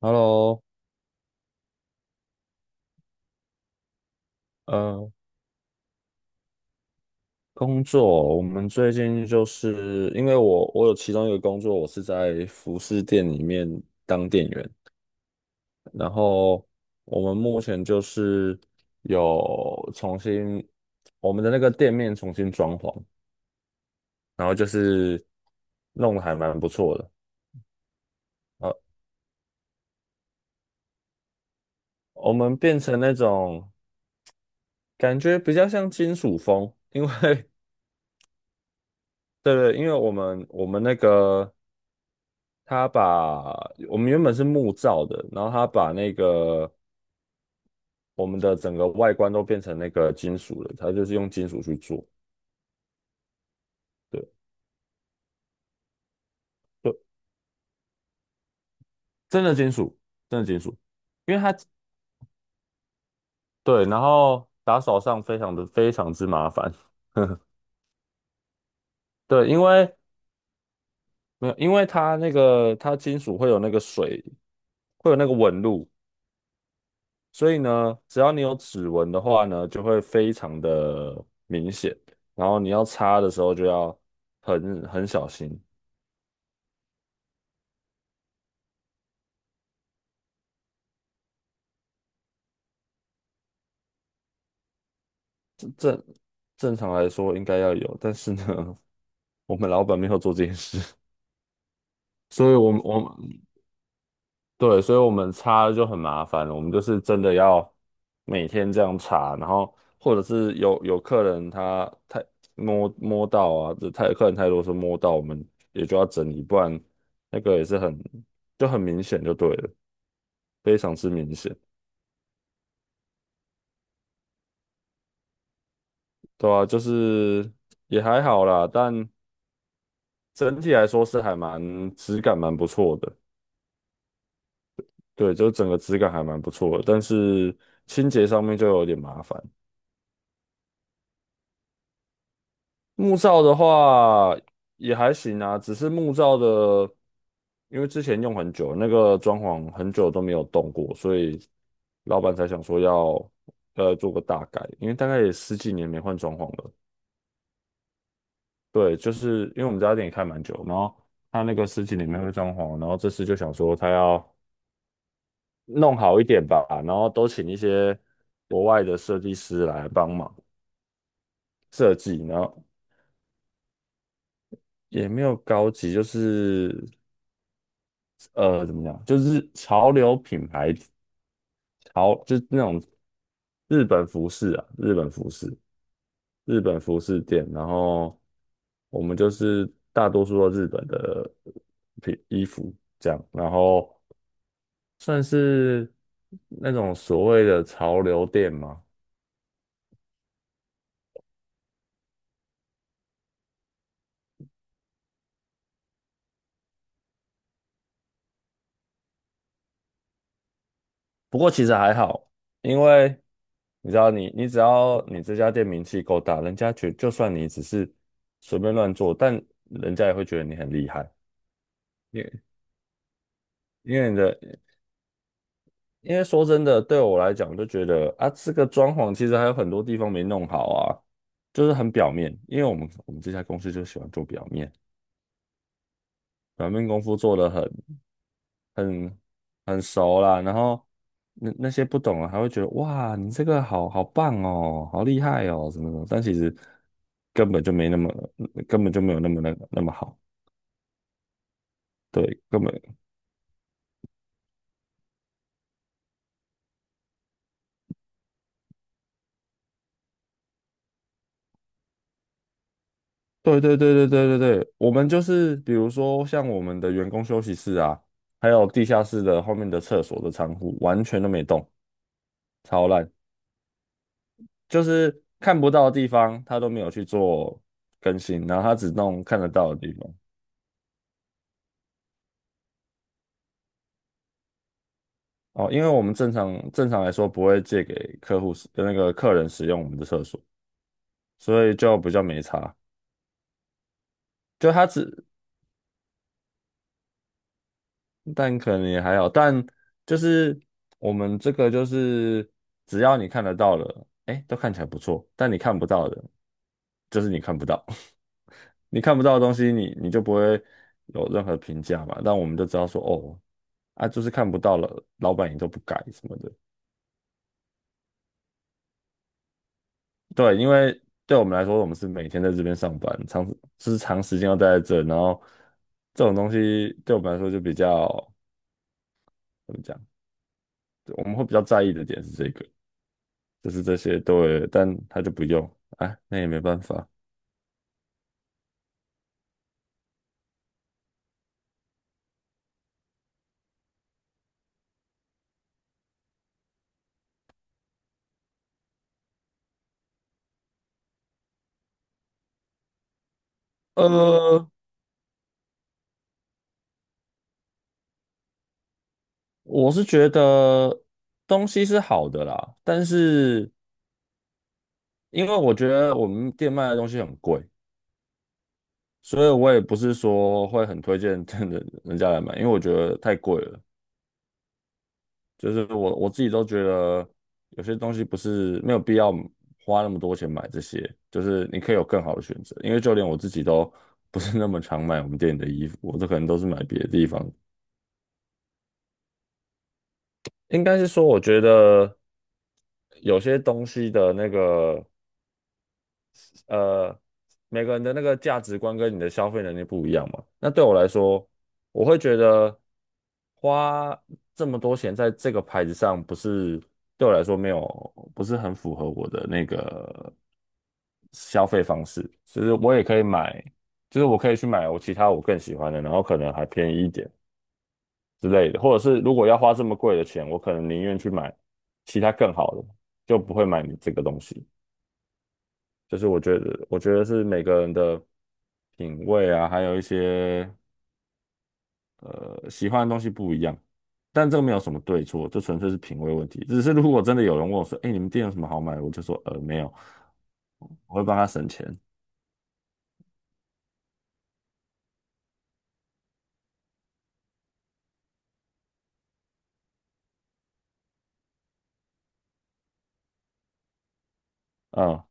Hello，呃，工作，我们最近就是因为我有其中一个工作，我是在服饰店里面当店员，然后我们目前就是有重新我们的那个店面重新装潢，然后就是弄得还蛮不错的，呃，我们变成那种感觉比较像金属风，因为 对对，因为我们那个他把我们原本是木造的，然后他把那个我们的整个外观都变成那个金属了，他就是用金属去做，对，就真的金属，真的金属，因为它对，然后打扫上非常的非常之麻烦，对，因为没有，因为它那个它金属会有那个水，会有那个纹路，所以呢，只要你有指纹的话呢，就会非常的明显，然后你要擦的时候就要很小心。正正常来说应该要有，但是呢，我们老板没有做这件事，所以我们对，所以我们擦就很麻烦了。我们就是真的要每天这样擦，然后或者是有客人他太摸到啊，这太客人太多是摸到，我们也就要整理，不然那个也是很就很明显就对了，非常之明显。对啊，就是也还好啦，但整体来说是还蛮质感蛮不错的。对，就整个质感还蛮不错的，但是清洁上面就有点麻烦。木造的话也还行啊，只是木造的，因为之前用很久，那个装潢很久都没有动过，所以老板才想说要做个大改，因为大概也十几年没换装潢了。对，就是因为我们这家店也开蛮久，然后他那个十几年没换装潢，然后这次就想说他要弄好一点吧，然后都请一些国外的设计师来帮忙。设计，然后也没有高级，就是怎么讲，就是潮流品牌，潮就是那种日本服饰啊，日本服饰，日本服饰店，然后我们就是大多数都日本的品衣服这样，然后算是那种所谓的潮流店嘛，不过其实还好，因为你知道你，你只要你这家店名气够大，人家觉就算你只是随便乱做，但人家也会觉得你很厉害。因为因为你的，因为说真的，对我来讲，我就觉得啊，这个装潢其实还有很多地方没弄好啊，就是很表面。因为我们这家公司就喜欢做表面，表面功夫做得很。很很熟啦，然后那些不懂的还会觉得哇，你这个好棒哦，好厉害哦，什么什么，但其实根本就没那么，根本就没有那么那个那么好，对，根本，对对对对对对对，我们就是比如说像我们的员工休息室啊，还有地下室的后面的厕所的仓库，完全都没动，超烂，就是看不到的地方他都没有去做更新，然后他只弄看得到的地方。哦，因为我们正常来说不会借给客户使那个客人使用我们的厕所，所以就比较没差。就他只，但可能也还好，但就是我们这个就是只要你看得到了，哎，都看起来不错，但你看不到的，就是你看不到，你看不到的东西你，你就不会有任何评价嘛。但我们就知道说，哦，啊，就是看不到了，老板也都不改什么的。对，因为对我们来说，我们是每天在这边上班，就是长时间要待在这，然后这种东西对我们来说就比较怎么讲，我们会比较在意的点是这个，就是这些对，但他就不用，哎，那也没办法。呃，我是觉得东西是好的啦，但是因为我觉得我们店卖的东西很贵，所以我也不是说会很推荐 的人家来买，因为我觉得太贵了。就是我自己都觉得有些东西不是没有必要花那么多钱买这些，就是你可以有更好的选择。因为就连我自己都不是那么常买我们店里的衣服，我都可能都是买别的地方。应该是说，我觉得有些东西的那个。呃，每个人的那个价值观跟你的消费能力不一样嘛。那对我来说，我会觉得花这么多钱在这个牌子上，不是对我来说没有，不是很符合我的那个消费方式。就是我也可以买，就是我可以去买我其他我更喜欢的，然后可能还便宜一点之类的。或者是如果要花这么贵的钱，我可能宁愿去买其他更好的，就不会买你这个东西。就是我觉得，我觉得是每个人的品味啊，还有一些喜欢的东西不一样，但这个没有什么对错，这纯粹是品味问题。只是如果真的有人问我说：“哎，你们店有什么好买的？”我就说：“呃，没有。”我会帮他省钱。嗯，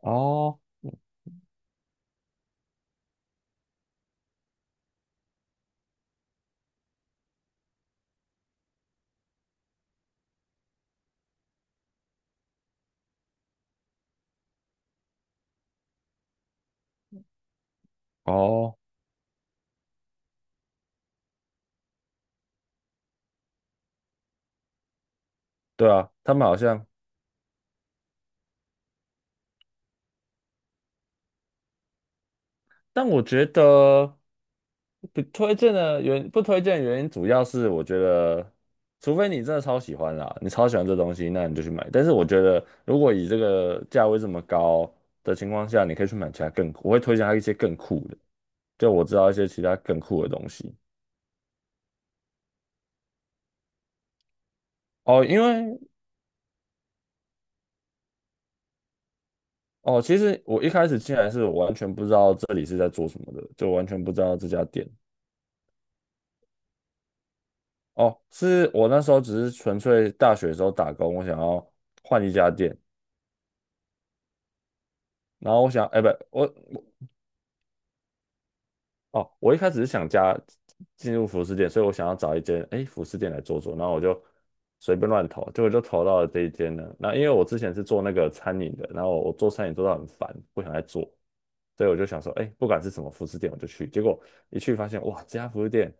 哦哦，对啊，他们好像但我觉得不推荐的原因，主要是我觉得，除非你真的超喜欢啦，你超喜欢这东西，那你就去买。但是我觉得，如果以这个价位这么高的情况下，你可以去买其他更，我会推荐它一些更酷的，就我知道一些其他更酷的东西。哦，哦，其实我一开始进来是我完全不知道这里是在做什么的，就完全不知道这家店。哦，是我那时候只是纯粹大学的时候打工，我想要换一家店，然后我想，哎，不，我哦，我一开始是想进入服饰店，所以我想要找一间哎服饰店来做做，然后我就随便乱投，结果就投到了这一间呢。那因为我之前是做那个餐饮的，然后我做餐饮做到很烦，不想再做，所以我就想说，哎，不管是什么服饰店，我就去。结果一去发现，哇，这家服饰店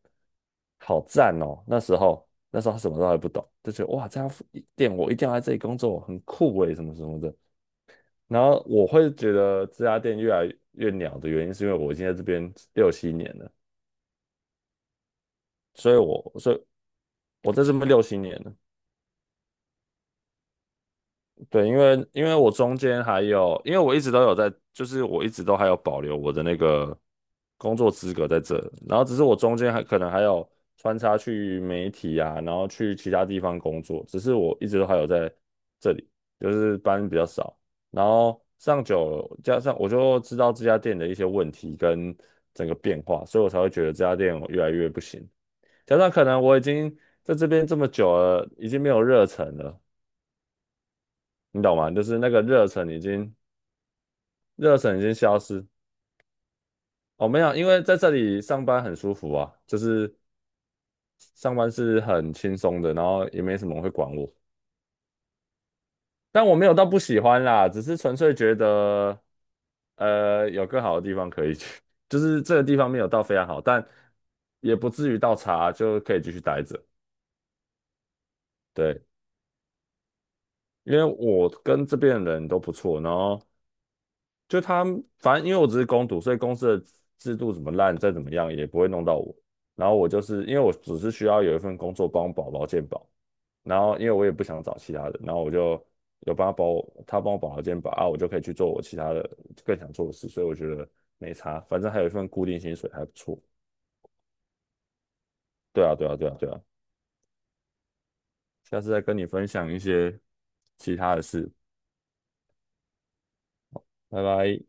好赞哦！那时候什么都还不懂，就觉得哇，这家服店我一定要来这里工作，很酷诶，什么什么的。然后我会觉得这家店越来越鸟的原因，是因为我已经在这边六七年了，所以我在这边六七年了，对，因为我中间还有，因为我一直都有在，就是我一直都还有保留我的那个工作资格在这，然后只是我中间还可能还有穿插去媒体啊，然后去其他地方工作，只是我一直都还有在这里，就是班比较少，然后上久了，加上我就知道这家店的一些问题跟整个变化，所以我才会觉得这家店我越来越不行，加上可能我已经在这边这么久了，已经没有热忱了。你懂吗？就是那个热忱已经消失。哦，没有，因为在这里上班很舒服啊，就是上班是很轻松的，然后也没什么人会管我。但我没有到不喜欢啦，只是纯粹觉得，有更好的地方可以去，就是这个地方没有到非常好，但也不至于到差，就可以继续待着。对，因为我跟这边的人都不错，然后就他们反正因为我只是工读，所以公司的制度怎么烂，再怎么样也不会弄到我。然后我就是因为我只是需要有一份工作帮我保劳健保，然后因为我也不想找其他的，然后我就有帮他保我，他帮我保劳健保啊，我就可以去做我其他的更想做的事，所以我觉得没差，反正还有一份固定薪水还不错。对啊，对啊，对啊，对啊，下次再跟你分享一些其他的事，拜拜。